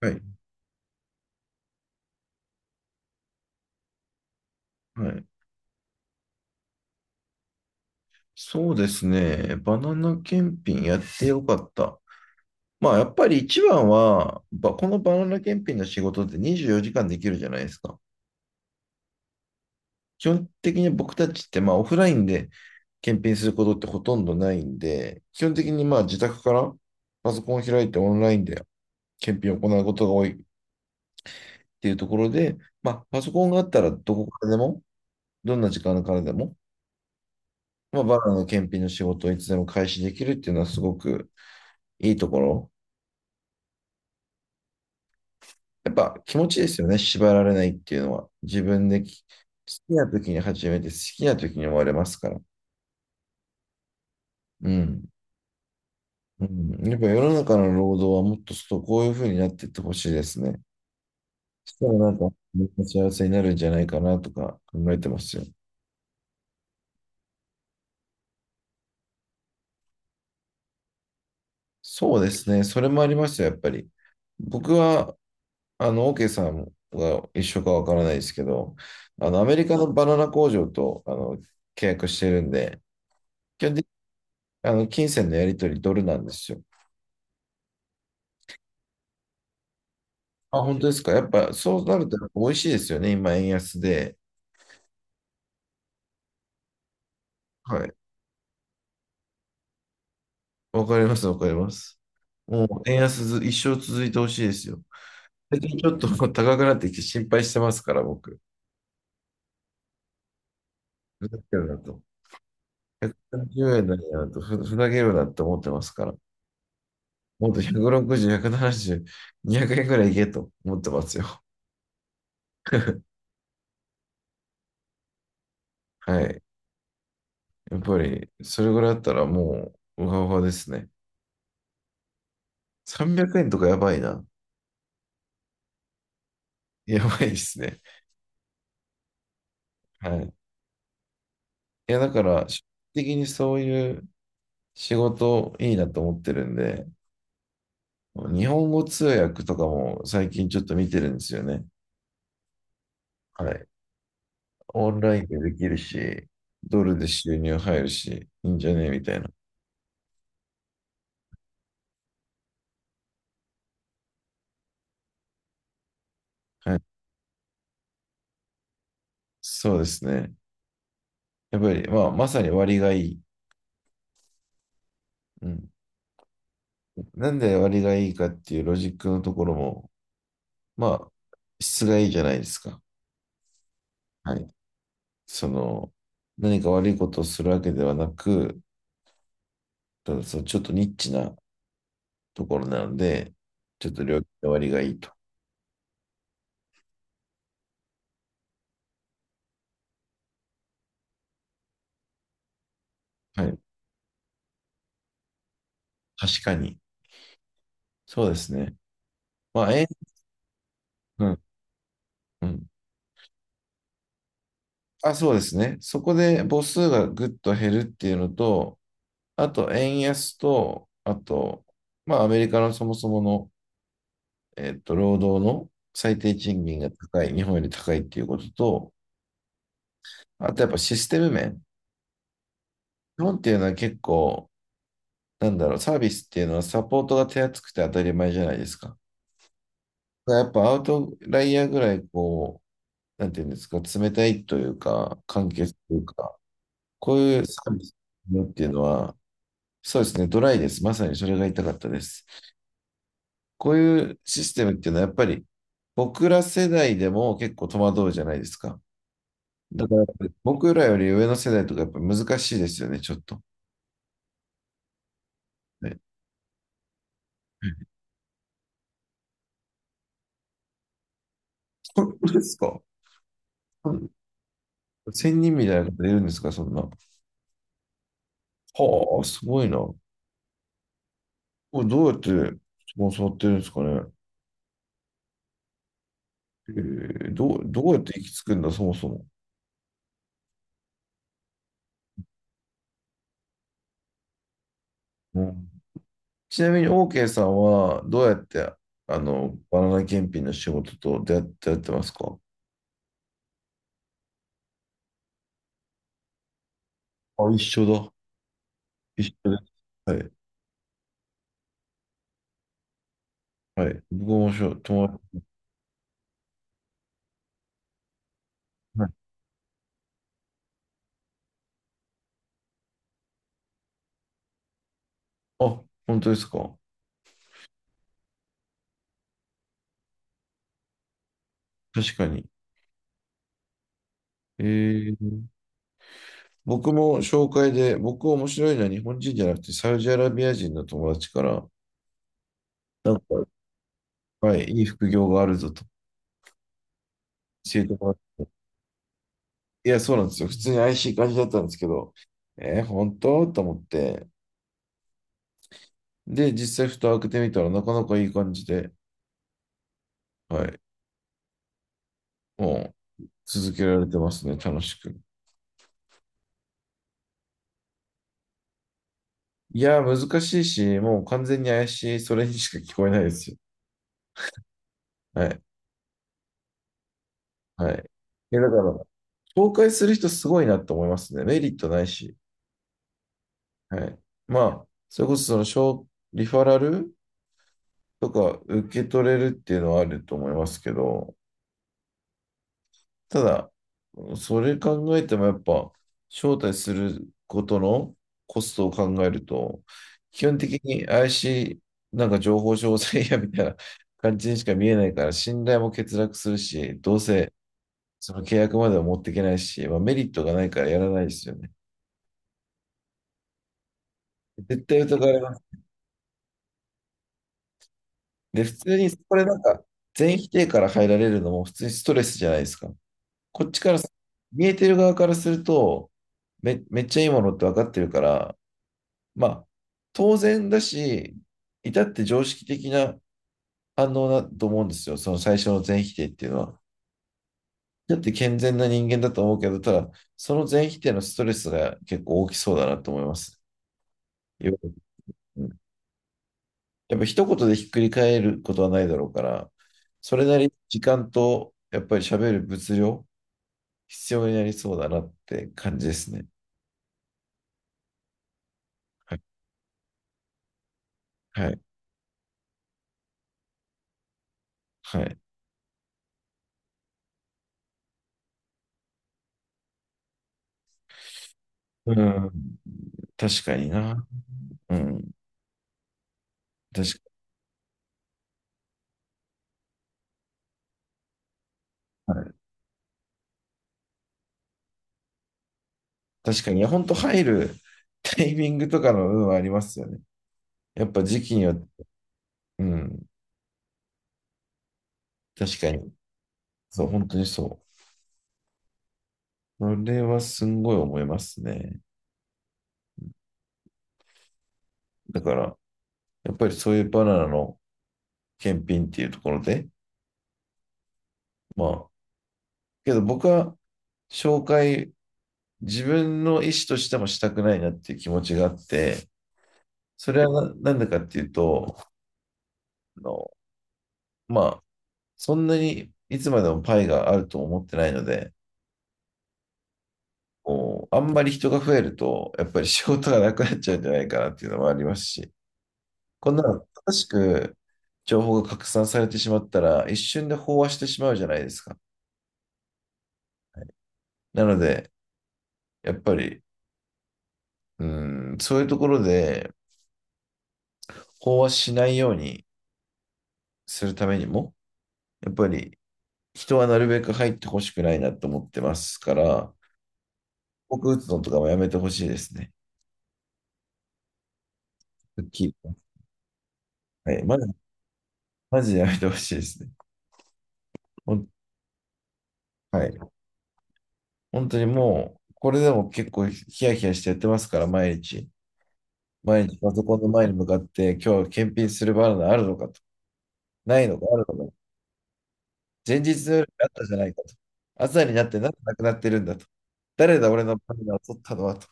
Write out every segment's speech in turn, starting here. はい。はい。そうですね。バナナ検品やってよかった。まあ、やっぱり一番は、このバナナ検品の仕事って24時間できるじゃないですか。基本的に僕たちって、まあ、オフラインで検品することってほとんどないんで、基本的にまあ、自宅からパソコンを開いてオンラインで検品を行うことが多いっていうところで、まあ、パソコンがあったらどこからでも、どんな時間からでも、まあ、バナナの検品の仕事をいつでも開始できるっていうのはすごくいいところ。やっぱ気持ちですよね、縛られないっていうのは。自分好きな時に始めて、好きな時に終われますから。うん。うん、やっぱ世の中の労働はもっとこういうふうになっていってほしいですね。そしたらなんか、みんな幸せになるんじゃないかなとか考えてますよ。そうですね、それもありますよ、やっぱり。僕は、OK さんが一緒かわからないですけど、アメリカのバナナ工場と、契約してるんで、基本的に、金銭のやり取りドルなんですよ。あ、本当ですか。やっぱそうなるとやっぱ美味しいですよね。今、円安で。はい。わかります、わかります。もう円安ず一生続いてほしいですよ。最近ちょっともう高くなってきて心配してますから、僕。ふざけるなと。130円だなんやなと、ふざけるなって思ってますから。もっと160、170、200円ぐらいいけと思ってますよ。はい。やっぱり、それぐらいだったらもう、うわうわですね。300円とかやばいな。やばいですね。はい。いや、だから、基本的にそういう仕事いいなと思ってるんで、日本語通訳とかも最近ちょっと見てるんですよね。はい。オンラインでできるし、ドルで収入入るし、いいんじゃねみたいな。はい。そうですね。やっぱり、まあ、まさに割がいい。うん。なんで割がいいかっていうロジックのところも、まあ、質がいいじゃないですか。はい。その、何か悪いことをするわけではなく、ただそのちょっとニッチなところなので、ちょっと料金割がいいと。はい。確かに。そうですね。まあ、え、うん、うん。あ、そうですね。そこで母数がぐっと減るっていうのと、あと、円安と、あと、まあ、アメリカのそもそもの、労働の最低賃金が高い、日本より高いっていうことと、あとやっぱシステム面。日本っていうのは結構、なんだろう、サービスっていうのはサポートが手厚くて当たり前じゃないですか。だからやっぱアウトライヤーぐらいこう、なんていうんですか、冷たいというか、簡潔というか、こういうサービスっていうのは、そうですね、ドライです。まさにそれが言いたかったです。こういうシステムっていうのは、やっぱり僕ら世代でも結構戸惑うじゃないですか。だから、僕らより上の世代とかやっぱ難しいですよね、ちょっと。ね。本当ですか？うん、千人みたいな方いるんですか、そんな。はあ、すごいな。これどうやってスポンサーやってるんですかね。えどうやって行き着くんだ、そもそも。うん、ちなみに OK さんはどうやってあのバナナ検品の仕事と出会ってやってますか？あ、一緒だ。一緒です。はい。はい。僕も友達。はい。あ、本当ですか。確かに。えー、僕も紹介で、僕面白いのは日本人じゃなくてサウジアラビア人の友達から、なんか、はい、いい副業があるぞと教えてもらって。いや、そうなんですよ。普通に IC 感じだったんですけど、本当と思って。で、実際蓋を開けてみたらなかなかいい感じで。はい。もう続けられてますね、楽しく。いやー、難しいし、もう完全に怪しい、それにしか聞こえないですよ。はい。はい。いや、だから、紹介する人すごいなって思いますね。メリットないし。はい。まあ、それこそその、リファラルとか受け取れるっていうのはあると思いますけど、ただ、それ考えてもやっぱ、招待することのコストを考えると、基本的に怪しい、なんか情報商材やみたいな感じにしか見えないから、信頼も欠落するし、どうせその契約までは持っていけないし、まあ、メリットがないからやらないですよね。絶対疑われます。で、普通に、これなんか、全否定から入られるのも普通にストレスじゃないですか。こっちから、見えてる側からすると、めっちゃいいものって分かってるから、まあ、当然だし、至って常識的な反応だと思うんですよ。その最初の全否定っていうのは。だって健全な人間だと思うけど、ただ、その全否定のストレスが結構大きそうだなと思います。やっぱ一言でひっくり返ることはないだろうから、それなりに時間と、やっぱり喋る物量、必要になりそうだなって感じですね。はい。はい。はい。うん。確かにな。うん。確かに。確かに、いや本当入るタイミングとかの運はありますよね。やっぱ時期にはうん、確かに。そう、本当にそう。それはすんごい思いますね。だから、やっぱりそういうバナナの検品っていうところで、まあ、けど僕は紹介、自分の意思としてもしたくないなっていう気持ちがあって、それはなんでかっていうと、あのまあ、そんなにいつまでもパイがあると思ってないので、こうあんまり人が増えると、やっぱり仕事がなくなっちゃうんじゃないかなっていうのもありますし、こんなの正しく情報が拡散されてしまったら、一瞬で飽和してしまうじゃないですか。なので、やっぱり、うん、そういうところで飽和しないようにするためにも、やっぱり人はなるべく入ってほしくないなと思ってますから、僕打つのとかもやめてほしいですね。はっきりはい、まず、マジでやめてほしいですね。ほんはい。本当にもう、これでも結構ヒヤヒヤしてやってますから、毎日。毎日パソコンの前に向かって、今日検品するバナナあるのかと。ないのか、あるのか。前日の夜にあったじゃないかと。朝になってなんでなくなってるんだと。誰だ、俺のバナナを取ったのはと。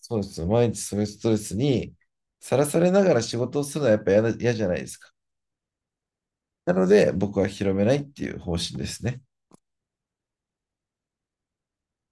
そうですよ。毎日そういうストレスにさらされながら仕事をするのはやっぱ嫌な嫌じゃないですか。なので、僕は広めないっていう方針ですね。